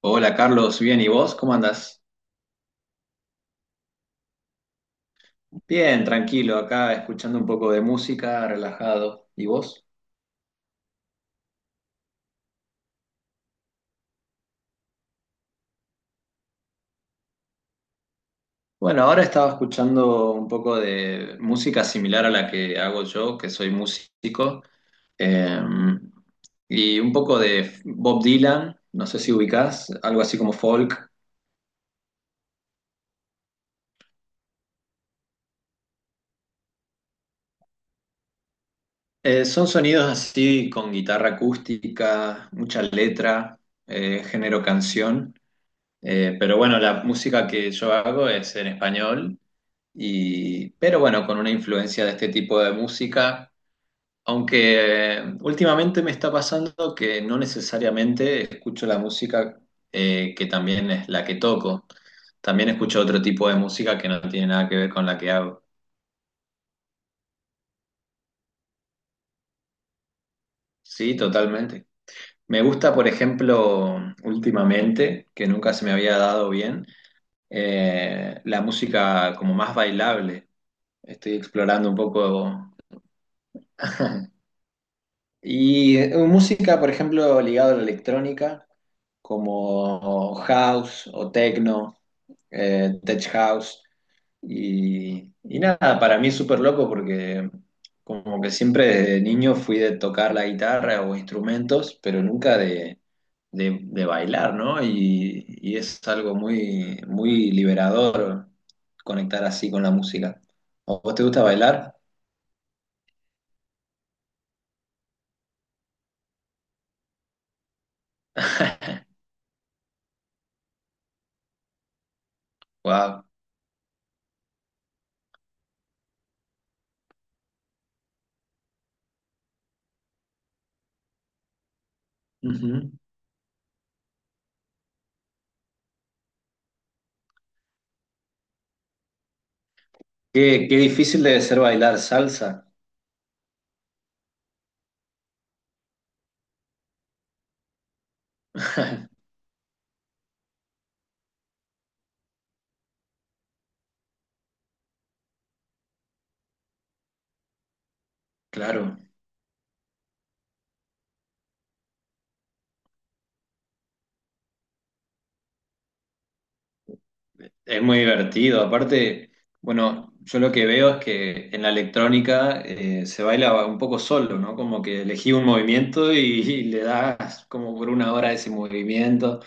Hola Carlos, bien, ¿y vos? ¿Cómo andás? Bien, tranquilo, acá escuchando un poco de música, relajado. ¿Y vos? Bueno, ahora estaba escuchando un poco de música similar a la que hago yo, que soy músico, eh, y un poco de Bob Dylan, no sé si ubicás, algo así como folk. Son sonidos así con guitarra acústica, mucha letra, género canción. Pero bueno, la música que yo hago es en español, y, pero bueno, con una influencia de este tipo de música, aunque últimamente me está pasando que no necesariamente escucho la música que también es la que toco, también escucho otro tipo de música que no tiene nada que ver con la que hago. Sí, totalmente. Me gusta, por ejemplo, últimamente, que nunca se me había dado bien, la música como más bailable. Estoy explorando un poco. Y música, por ejemplo, ligada a la electrónica, como house o techno, tech house. Y nada, para mí es súper loco porque como que siempre desde niño fui de tocar la guitarra o instrumentos, pero nunca de, de bailar, ¿no? Y es algo muy, muy liberador conectar así con la música. ¿A vos te gusta bailar? Wow. Ujú. Qué, qué difícil debe ser bailar salsa. Claro, es muy divertido. Aparte, bueno, yo lo que veo es que en la electrónica se baila un poco solo, ¿no? Como que elegí un movimiento y le das como por una hora ese movimiento.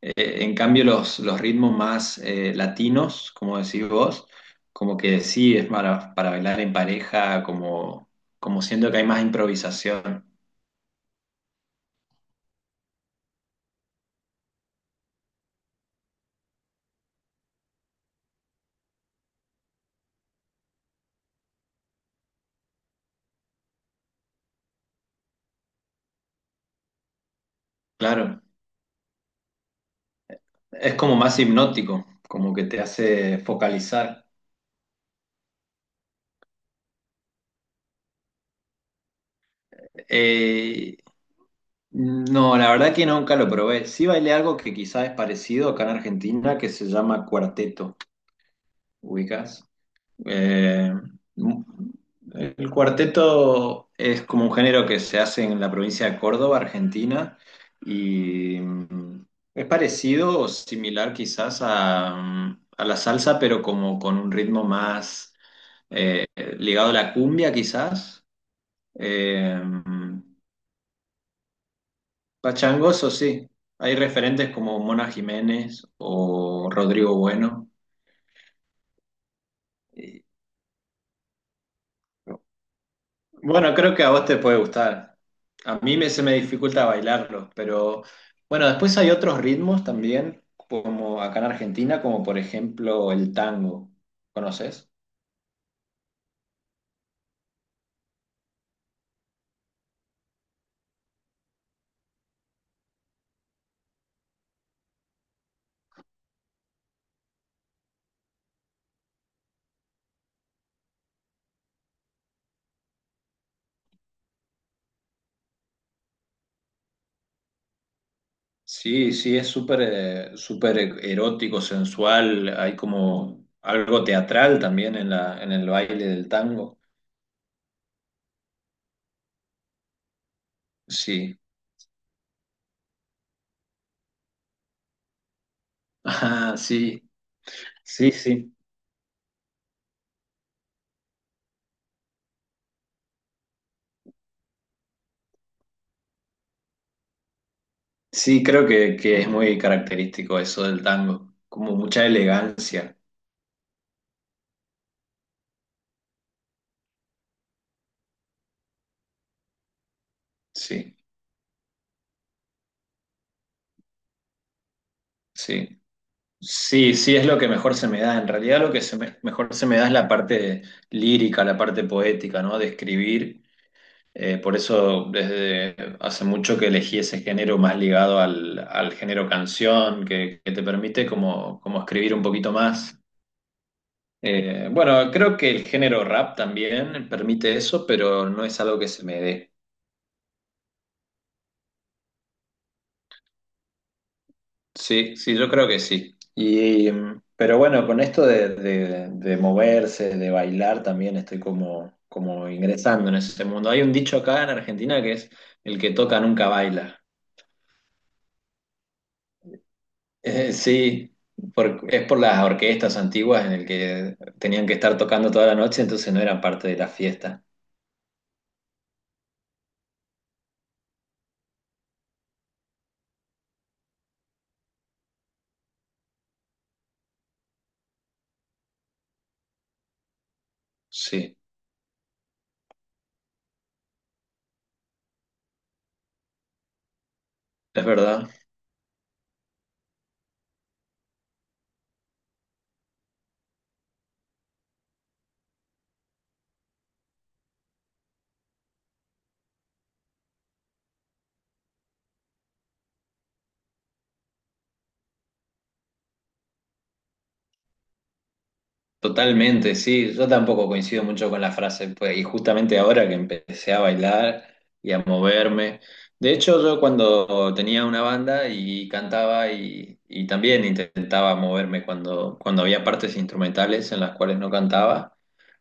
En cambio, los, ritmos más latinos, como decís vos, como que sí es para bailar en pareja, como, como siento que hay más improvisación. Claro. Es como más hipnótico, como que te hace focalizar. Eh, no, la verdad que nunca lo probé. Sí bailé algo que quizás es parecido acá en Argentina, que se llama cuarteto, ¿ubicas? Eh, el cuarteto es como un género que se hace en la provincia de Córdoba, Argentina, y es parecido o similar quizás a, a la salsa, pero como con un ritmo más... eh, ligado a la cumbia quizás. Eh, pachangos, o sí. Hay referentes como Mona Jiménez o Rodrigo Bueno. Y, bueno, creo que a vos te puede gustar. A mí me, se me dificulta bailarlos, pero bueno, después hay otros ritmos también, como acá en Argentina, como por ejemplo el tango. ¿Conoces? Sí, sí, es súper súper erótico, sensual, hay como algo teatral también en la, en el baile del tango. Sí, ah, sí, sí, sí. Sí, creo que es muy característico eso del tango, como mucha elegancia. Sí, sí. Sí, sí, es lo que mejor se me da. En realidad lo que mejor se me da es la parte lírica, la parte poética, ¿no? De escribir. Por eso desde hace mucho que elegí ese género más ligado al, al género canción, que te permite como, como escribir un poquito más. Bueno, creo que el género rap también permite eso, pero no es algo que se me dé. Sí, sí, yo creo que sí. Y, pero bueno, con esto de, de moverse, de bailar, también estoy como, como ingresando en ese mundo. Hay un dicho acá en Argentina que es, el que toca nunca baila. Sí, por- es por las orquestas antiguas en el que tenían que estar tocando toda la noche, entonces no eran parte de la fiesta. Sí, es verdad. Totalmente, sí. Yo tampoco coincido mucho con la frase, pues, y justamente ahora que empecé a bailar y a moverme. De hecho, yo cuando tenía una banda y cantaba y también intentaba moverme cuando, cuando había partes instrumentales en las cuales no cantaba.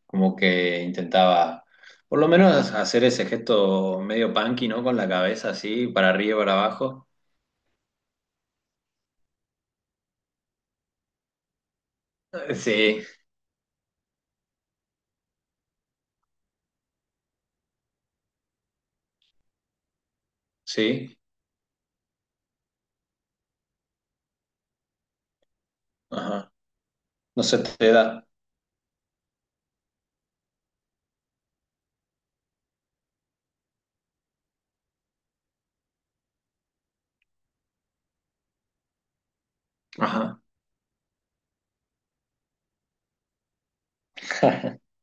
Como que intentaba, por lo menos, hacer ese gesto medio punky, ¿no? Con la cabeza así, para arriba y para abajo. Sí, sí. Ajá. No se te da. Ajá.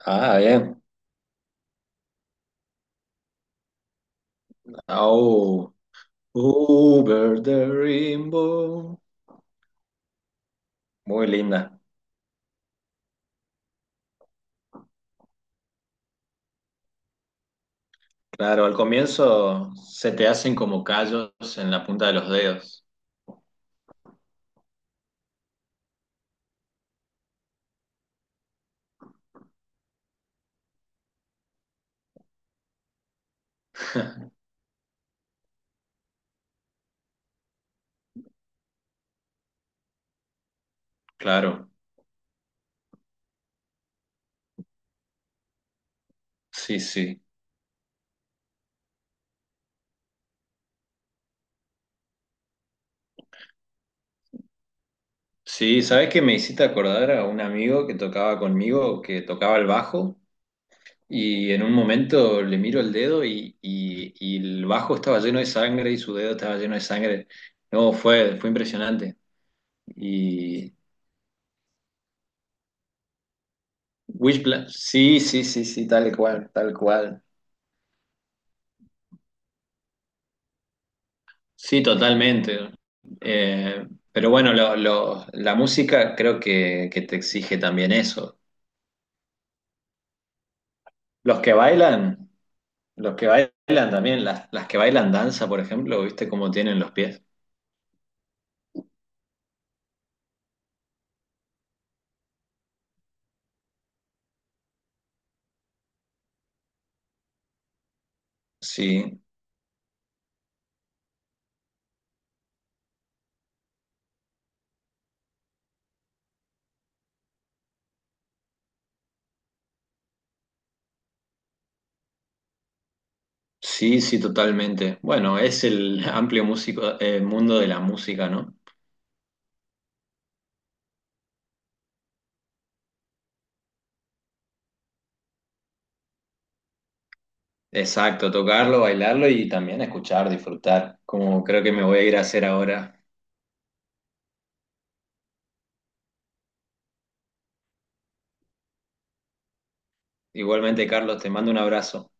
Ah, bien. Oh, over the rainbow. Muy linda. Claro, al comienzo se te hacen como callos en la punta de los dedos. Claro, sí, sí. Sí, ¿sabes qué me hiciste acordar a un amigo que tocaba conmigo, que tocaba el bajo? Y en un momento le miro el dedo y, y el bajo estaba lleno de sangre y su dedo estaba lleno de sangre. No, fue, fue impresionante. Y Wishpla- sí, sí, sí, sí, tal cual, tal cual. Sí, totalmente. Eh, pero bueno, la música creo que te exige también eso. Los que bailan, los que bailan también, las que bailan danza, por ejemplo, ¿viste cómo tienen los pies? Sí. Sí, sí, totalmente. Bueno, es el amplio músico, mundo de la música, ¿no? Exacto, tocarlo, bailarlo y también escuchar, disfrutar, como creo que me voy a ir a hacer ahora. Igualmente, Carlos, te mando un abrazo.